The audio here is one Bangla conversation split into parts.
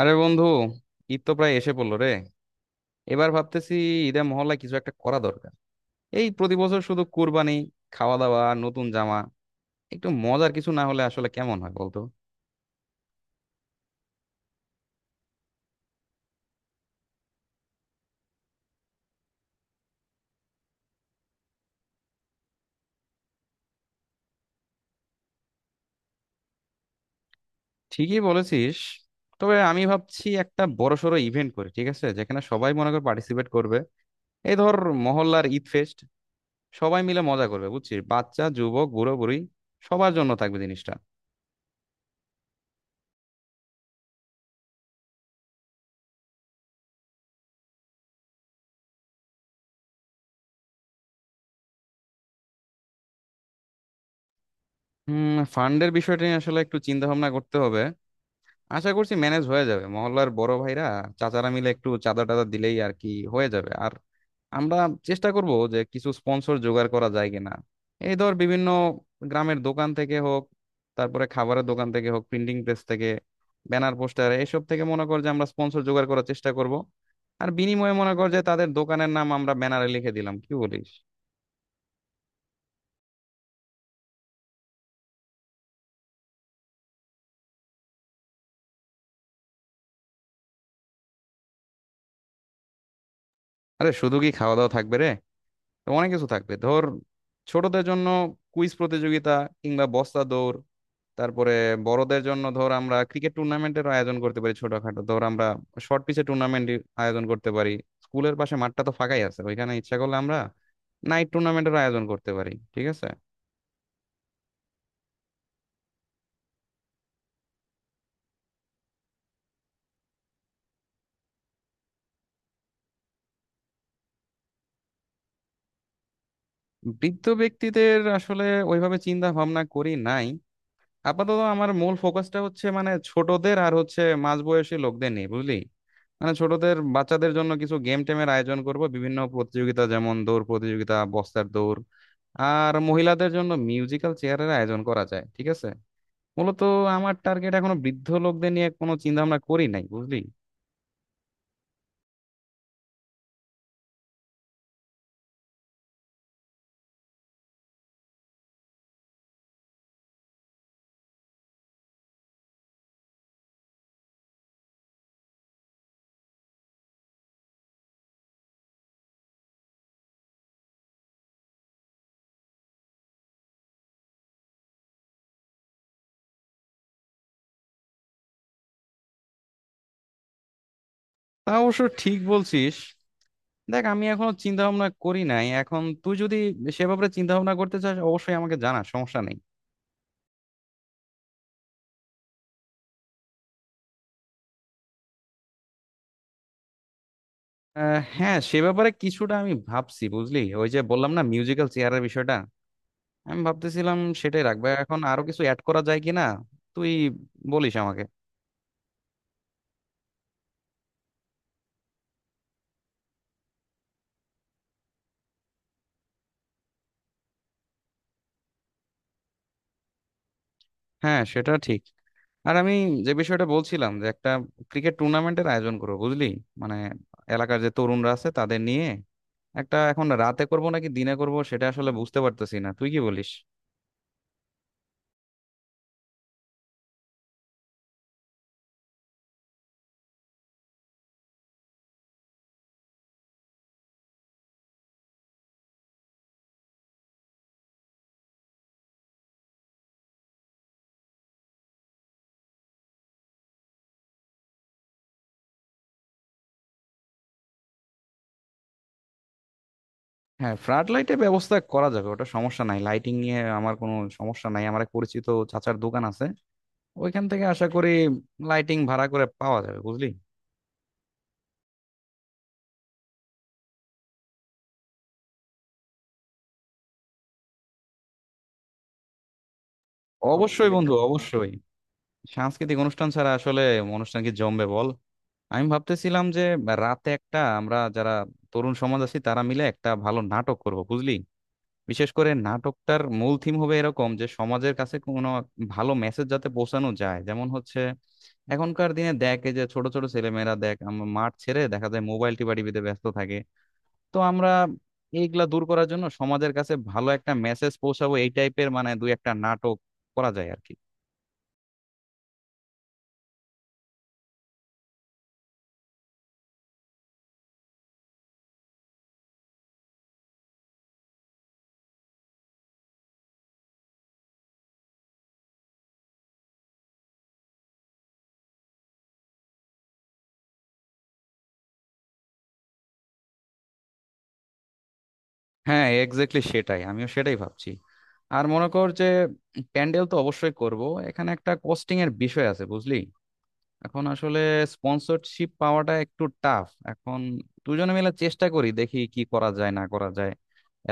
আরে বন্ধু, ঈদ তো প্রায় এসে পড়লো রে। এবার ভাবতেছি ঈদে মহল্লায় কিছু একটা করা দরকার। এই প্রতি বছর শুধু কুরবানি, খাওয়া দাওয়া আর নতুন জামা। একটু মজার কিছু না হলে আসলে কেমন হয় বলতো। ঠিকই বলেছিস। তবে আমি ভাবছি একটা বড়সড় ইভেন্ট করি, ঠিক আছে, যেখানে সবাই মনে করে পার্টিসিপেট করবে। এই ধর, মহল্লার ঈদ ফেস্ট। সবাই মিলে মজা করবে বুঝছিস, বাচ্চা যুবক বুড়ো বুড়ি, সবার জন্য থাকবে জিনিসটা। হুম, ফান্ডের বিষয়টা নিয়ে আসলে একটু চিন্তা ভাবনা করতে হবে। আশা করছি ম্যানেজ হয়ে যাবে, মহল্লার বড় ভাইরা, চাচারা মিলে একটু চাঁদা টাদা দিলেই আর কি হয়ে যাবে। আর আমরা চেষ্টা করব যে কিছু স্পন্সর জোগাড় করা যায় কিনা। এই ধর, বিভিন্ন গ্রামের দোকান থেকে হোক, তারপরে খাবারের দোকান থেকে হোক, প্রিন্টিং প্রেস থেকে ব্যানার পোস্টার এসব থেকে মনে কর যে আমরা স্পন্সর জোগাড় করার চেষ্টা করব। আর বিনিময়ে মনে কর যে তাদের দোকানের নাম আমরা ব্যানারে লিখে দিলাম, কি বলিস। আরে শুধু কি খাওয়া দাওয়া থাকবে রে, তো অনেক কিছু থাকবে। ধর, ছোটদের জন্য কুইজ প্রতিযোগিতা কিংবা বস্তা দৌড়। তারপরে বড়দের জন্য ধর আমরা ক্রিকেট টুর্নামেন্টের আয়োজন করতে পারি, ছোটখাটো, ধর আমরা শর্ট পিচে টুর্নামেন্ট আয়োজন করতে পারি। স্কুলের পাশে মাঠটা তো ফাঁকাই আছে, ওইখানে ইচ্ছা করলে আমরা নাইট টুর্নামেন্টের আয়োজন করতে পারি, ঠিক আছে। বৃদ্ধ ব্যক্তিদের আসলে ওইভাবে চিন্তা ভাবনা করি নাই। আপাতত আমার মূল ফোকাসটা হচ্ছে মানে ছোটদের আর হচ্ছে মাঝবয়সী লোকদের নিয়ে বুঝলি। মানে ছোটদের বাচ্চাদের জন্য কিছু গেম টেমের আয়োজন করব, বিভিন্ন প্রতিযোগিতা যেমন দৌড় প্রতিযোগিতা, বস্তার দৌড়। আর মহিলাদের জন্য মিউজিক্যাল চেয়ারের আয়োজন করা যায়, ঠিক আছে। মূলত আমার টার্গেট এখনো বৃদ্ধ লোকদের নিয়ে কোনো চিন্তা ভাবনা করি নাই বুঝলি। তা অবশ্য ঠিক বলছিস। দেখ, আমি এখনো চিন্তা ভাবনা করি নাই, এখন তুই যদি সে ব্যাপারে চিন্তা ভাবনা করতে চাস অবশ্যই আমাকে জানা, সমস্যা নেই। হ্যাঁ, সে ব্যাপারে কিছুটা আমি ভাবছি বুঝলি, ওই যে বললাম না মিউজিক্যাল চেয়ারের বিষয়টা, আমি ভাবতেছিলাম সেটাই রাখবে, এখন আরো কিছু অ্যাড করা যায় কিনা তুই বলিস আমাকে। হ্যাঁ সেটা ঠিক। আর আমি যে বিষয়টা বলছিলাম যে একটা ক্রিকেট টুর্নামেন্টের আয়োজন করবো বুঝলি, মানে এলাকার যে তরুণরা আছে তাদের নিয়ে একটা, এখন রাতে করব নাকি দিনে করব সেটা আসলে বুঝতে পারতেছি না, তুই কি বলিস। হ্যাঁ, ফ্লাড লাইটের ব্যবস্থা করা যাবে, ওটা সমস্যা নাই। লাইটিং নিয়ে আমার কোনো সমস্যা নাই, আমার এক পরিচিত চাচার দোকান আছে, ওইখান থেকে আশা করি লাইটিং ভাড়া করে পাওয়া যাবে বুঝলি। অবশ্যই বন্ধু, অবশ্যই। সাংস্কৃতিক অনুষ্ঠান ছাড়া আসলে অনুষ্ঠান কি জমবে বল। আমি ভাবতেছিলাম যে রাতে একটা, আমরা যারা তরুণ সমাজ আছি তারা মিলে একটা ভালো নাটক করব বুঝলি। বিশেষ করে নাটকটার মূল থিম হবে এরকম যে সমাজের কাছে কোনো ভালো মেসেজ যাতে পৌঁছানো যায়, যেমন হচ্ছে এখনকার দিনে দেখ, এই যে ছোট ছোট ছেলেমেয়েরা দেখ, আমরা মাঠ ছেড়ে দেখা যায় মোবাইল টিপা টিপিতে ব্যস্ত থাকে। তো আমরা এইগুলা দূর করার জন্য সমাজের কাছে ভালো একটা মেসেজ পৌঁছাবো, এই টাইপের মানে দুই একটা নাটক করা যায় আর কি। হ্যাঁ এক্স্যাক্টলি, সেটাই, আমিও সেটাই ভাবছি। আর মনে কর যে প্যান্ডেল তো অবশ্যই করব, এখানে একটা কস্টিং এর বিষয় আছে বুঝলি। এখন আসলে স্পন্সরশিপ পাওয়াটা একটু টাফ, এখন দুজনে মিলে চেষ্টা করি দেখি কি করা যায় না করা যায়।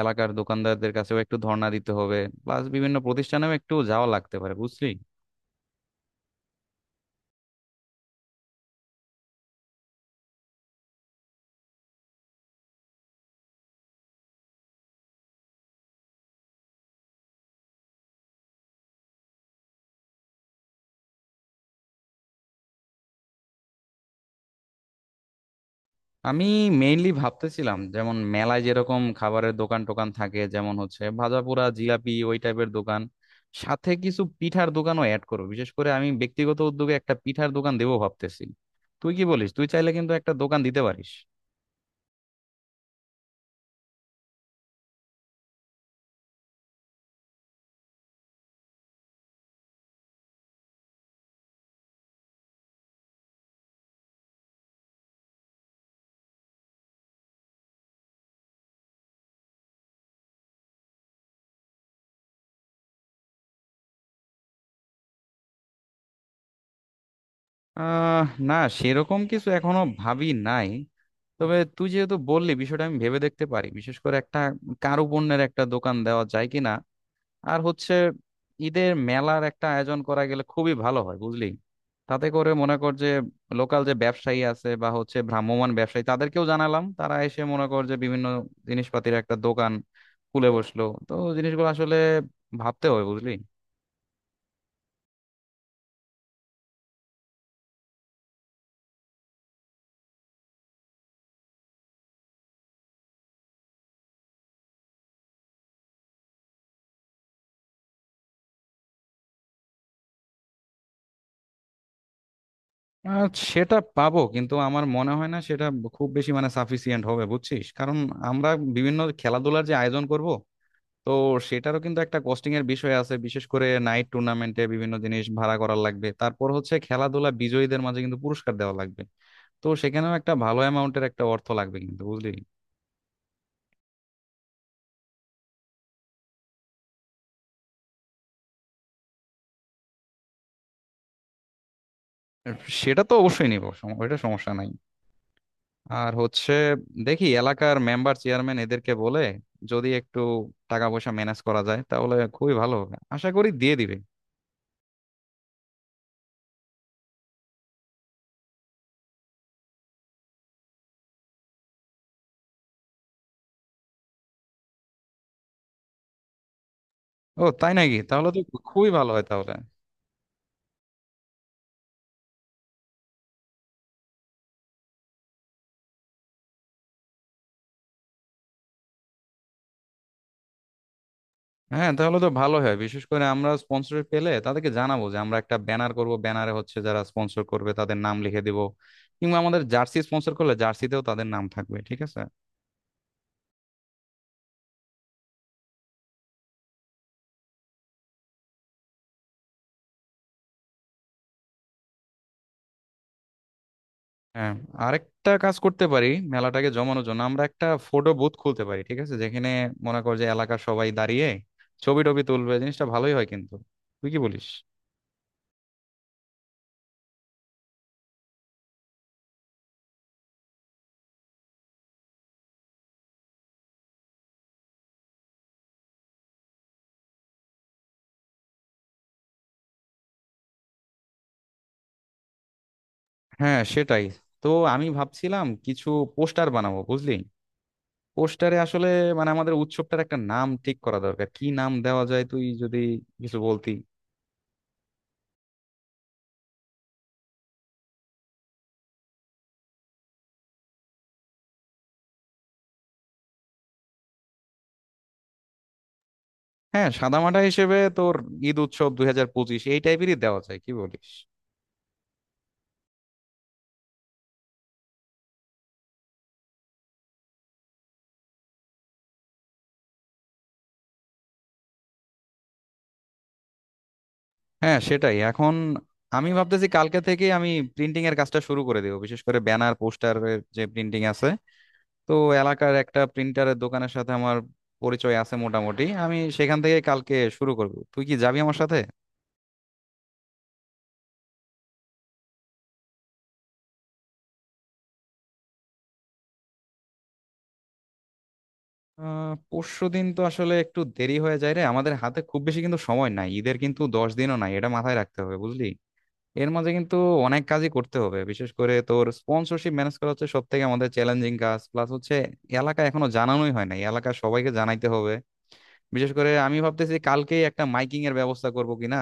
এলাকার দোকানদারদের কাছেও একটু ধর্ণা দিতে হবে, প্লাস বিভিন্ন প্রতিষ্ঠানেও একটু যাওয়া লাগতে পারে বুঝলি। আমি মেইনলি ভাবতেছিলাম যেমন মেলায় যেরকম খাবারের দোকান টোকান থাকে, যেমন হচ্ছে ভাজাপোড়া জিলাপি ওই টাইপের দোকান, সাথে কিছু পিঠার দোকানও অ্যাড করো। বিশেষ করে আমি ব্যক্তিগত উদ্যোগে একটা পিঠার দোকান দেবো ভাবতেছি। তুই কি বলিস, তুই চাইলে কিন্তু একটা দোকান দিতে পারিস। আহ না, সেরকম কিছু এখনো ভাবি নাই। তবে তুই যেহেতু বললি বিষয়টা আমি ভেবে দেখতে পারি, বিশেষ করে একটা কারুপণ্যের একটা দোকান দেওয়া যায় কিনা। আর হচ্ছে ঈদের মেলার একটা আয়োজন করা গেলে খুবই ভালো হয় বুঝলি। তাতে করে মনে কর যে লোকাল যে ব্যবসায়ী আছে বা হচ্ছে ভ্রাম্যমাণ ব্যবসায়ী তাদেরকেও জানালাম, তারা এসে মনে কর যে বিভিন্ন জিনিসপাতির একটা দোকান খুলে বসলো। তো জিনিসগুলো আসলে ভাবতে হয় বুঝলি। আহ, সেটা পাবো, কিন্তু আমার মনে হয় না সেটা খুব বেশি মানে সাফিসিয়েন্ট হবে বুঝছিস। কারণ আমরা বিভিন্ন খেলাধুলার যে আয়োজন করব, তো সেটারও কিন্তু একটা কস্টিং এর বিষয় আছে। বিশেষ করে নাইট টুর্নামেন্টে বিভিন্ন জিনিস ভাড়া করা লাগবে, তারপর হচ্ছে খেলাধুলা বিজয়ীদের মাঝে কিন্তু পুরস্কার দেওয়া লাগবে। তো সেখানেও একটা ভালো অ্যামাউন্টের একটা অর্থ লাগবে কিন্তু বুঝলি। সেটা তো অবশ্যই নিব, ওইটা সমস্যা নাই। আর হচ্ছে দেখি এলাকার মেম্বার চেয়ারম্যান এদেরকে বলে যদি একটু টাকা পয়সা ম্যানেজ করা যায় তাহলে খুবই ভালো হবে, আশা করি দিয়ে দিবে। ও তাই নাকি, তাহলে তো খুবই ভালো হয় তাহলে। হ্যাঁ তাহলে তো ভালো হয়। বিশেষ করে আমরা স্পন্সর পেলে তাদেরকে জানাবো যে আমরা একটা ব্যানার করব, ব্যানারে হচ্ছে যারা স্পন্সর করবে তাদের নাম লিখে দিব। কিংবা আমাদের জার্সি স্পন্সর করলে জার্সিতেও তাদের নাম থাকবে, ঠিক আছে। হ্যাঁ, আরেকটা কাজ করতে পারি, মেলাটাকে জমানোর জন্য আমরা একটা ফটো বুথ খুলতে পারি, ঠিক আছে, যেখানে মনে কর যে এলাকার সবাই দাঁড়িয়ে ছবি টবি তুলবে, জিনিসটা ভালোই হয় কিন্তু। তুই কি বলিস। হ্যাঁ সেটাই। তো আমি ভাবছিলাম কিছু পোস্টার বানাবো বুঝলি। পোস্টারে আসলে মানে আমাদের উৎসবটার একটা নাম ঠিক করা দরকার, কি নাম দেওয়া যায় তুই যদি কিছু বলতি। হ্যাঁ, সাদামাটা হিসেবে তোর ঈদ উৎসব 2025 এই টাইপেরই দেওয়া যায়, কি বলিস। হ্যাঁ সেটাই। এখন আমি ভাবতেছি কালকে থেকে আমি প্রিন্টিং এর কাজটা শুরু করে দেবো, বিশেষ করে ব্যানার পোস্টারের যে প্রিন্টিং আছে। তো এলাকার একটা প্রিন্টারের দোকানের সাথে আমার পরিচয় আছে মোটামুটি, আমি সেখান থেকে কালকে শুরু করব, তুই কি যাবি আমার সাথে। আহ, পরশুদিন তো আসলে একটু দেরি হয়ে যায় রে, আমাদের হাতে খুব বেশি কিন্তু সময় নাই, ঈদের কিন্তু 10 দিনও নাই, এটা মাথায় রাখতে হবে বুঝলি। এর মাঝে কিন্তু অনেক কাজই করতে হবে, বিশেষ করে তোর স্পন্সরশিপ ম্যানেজ করা হচ্ছে সব থেকে আমাদের চ্যালেঞ্জিং কাজ। প্লাস হচ্ছে এলাকা এখনো জানানোই হয় নাই, এলাকার সবাইকে জানাইতে হবে। বিশেষ করে আমি ভাবতেছি কালকেই একটা মাইকিং এর ব্যবস্থা করবো কিনা।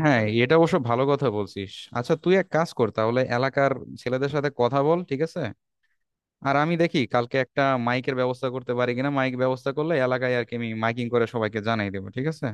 হ্যাঁ, এটা অবশ্য ভালো কথা বলছিস। আচ্ছা তুই এক কাজ কর তাহলে, এলাকার ছেলেদের সাথে কথা বল, ঠিক আছে। আর আমি দেখি কালকে একটা মাইকের ব্যবস্থা করতে পারি কিনা। মাইক ব্যবস্থা করলে এলাকায় আর কি আমি মাইকিং করে সবাইকে জানাই দেবো, ঠিক আছে।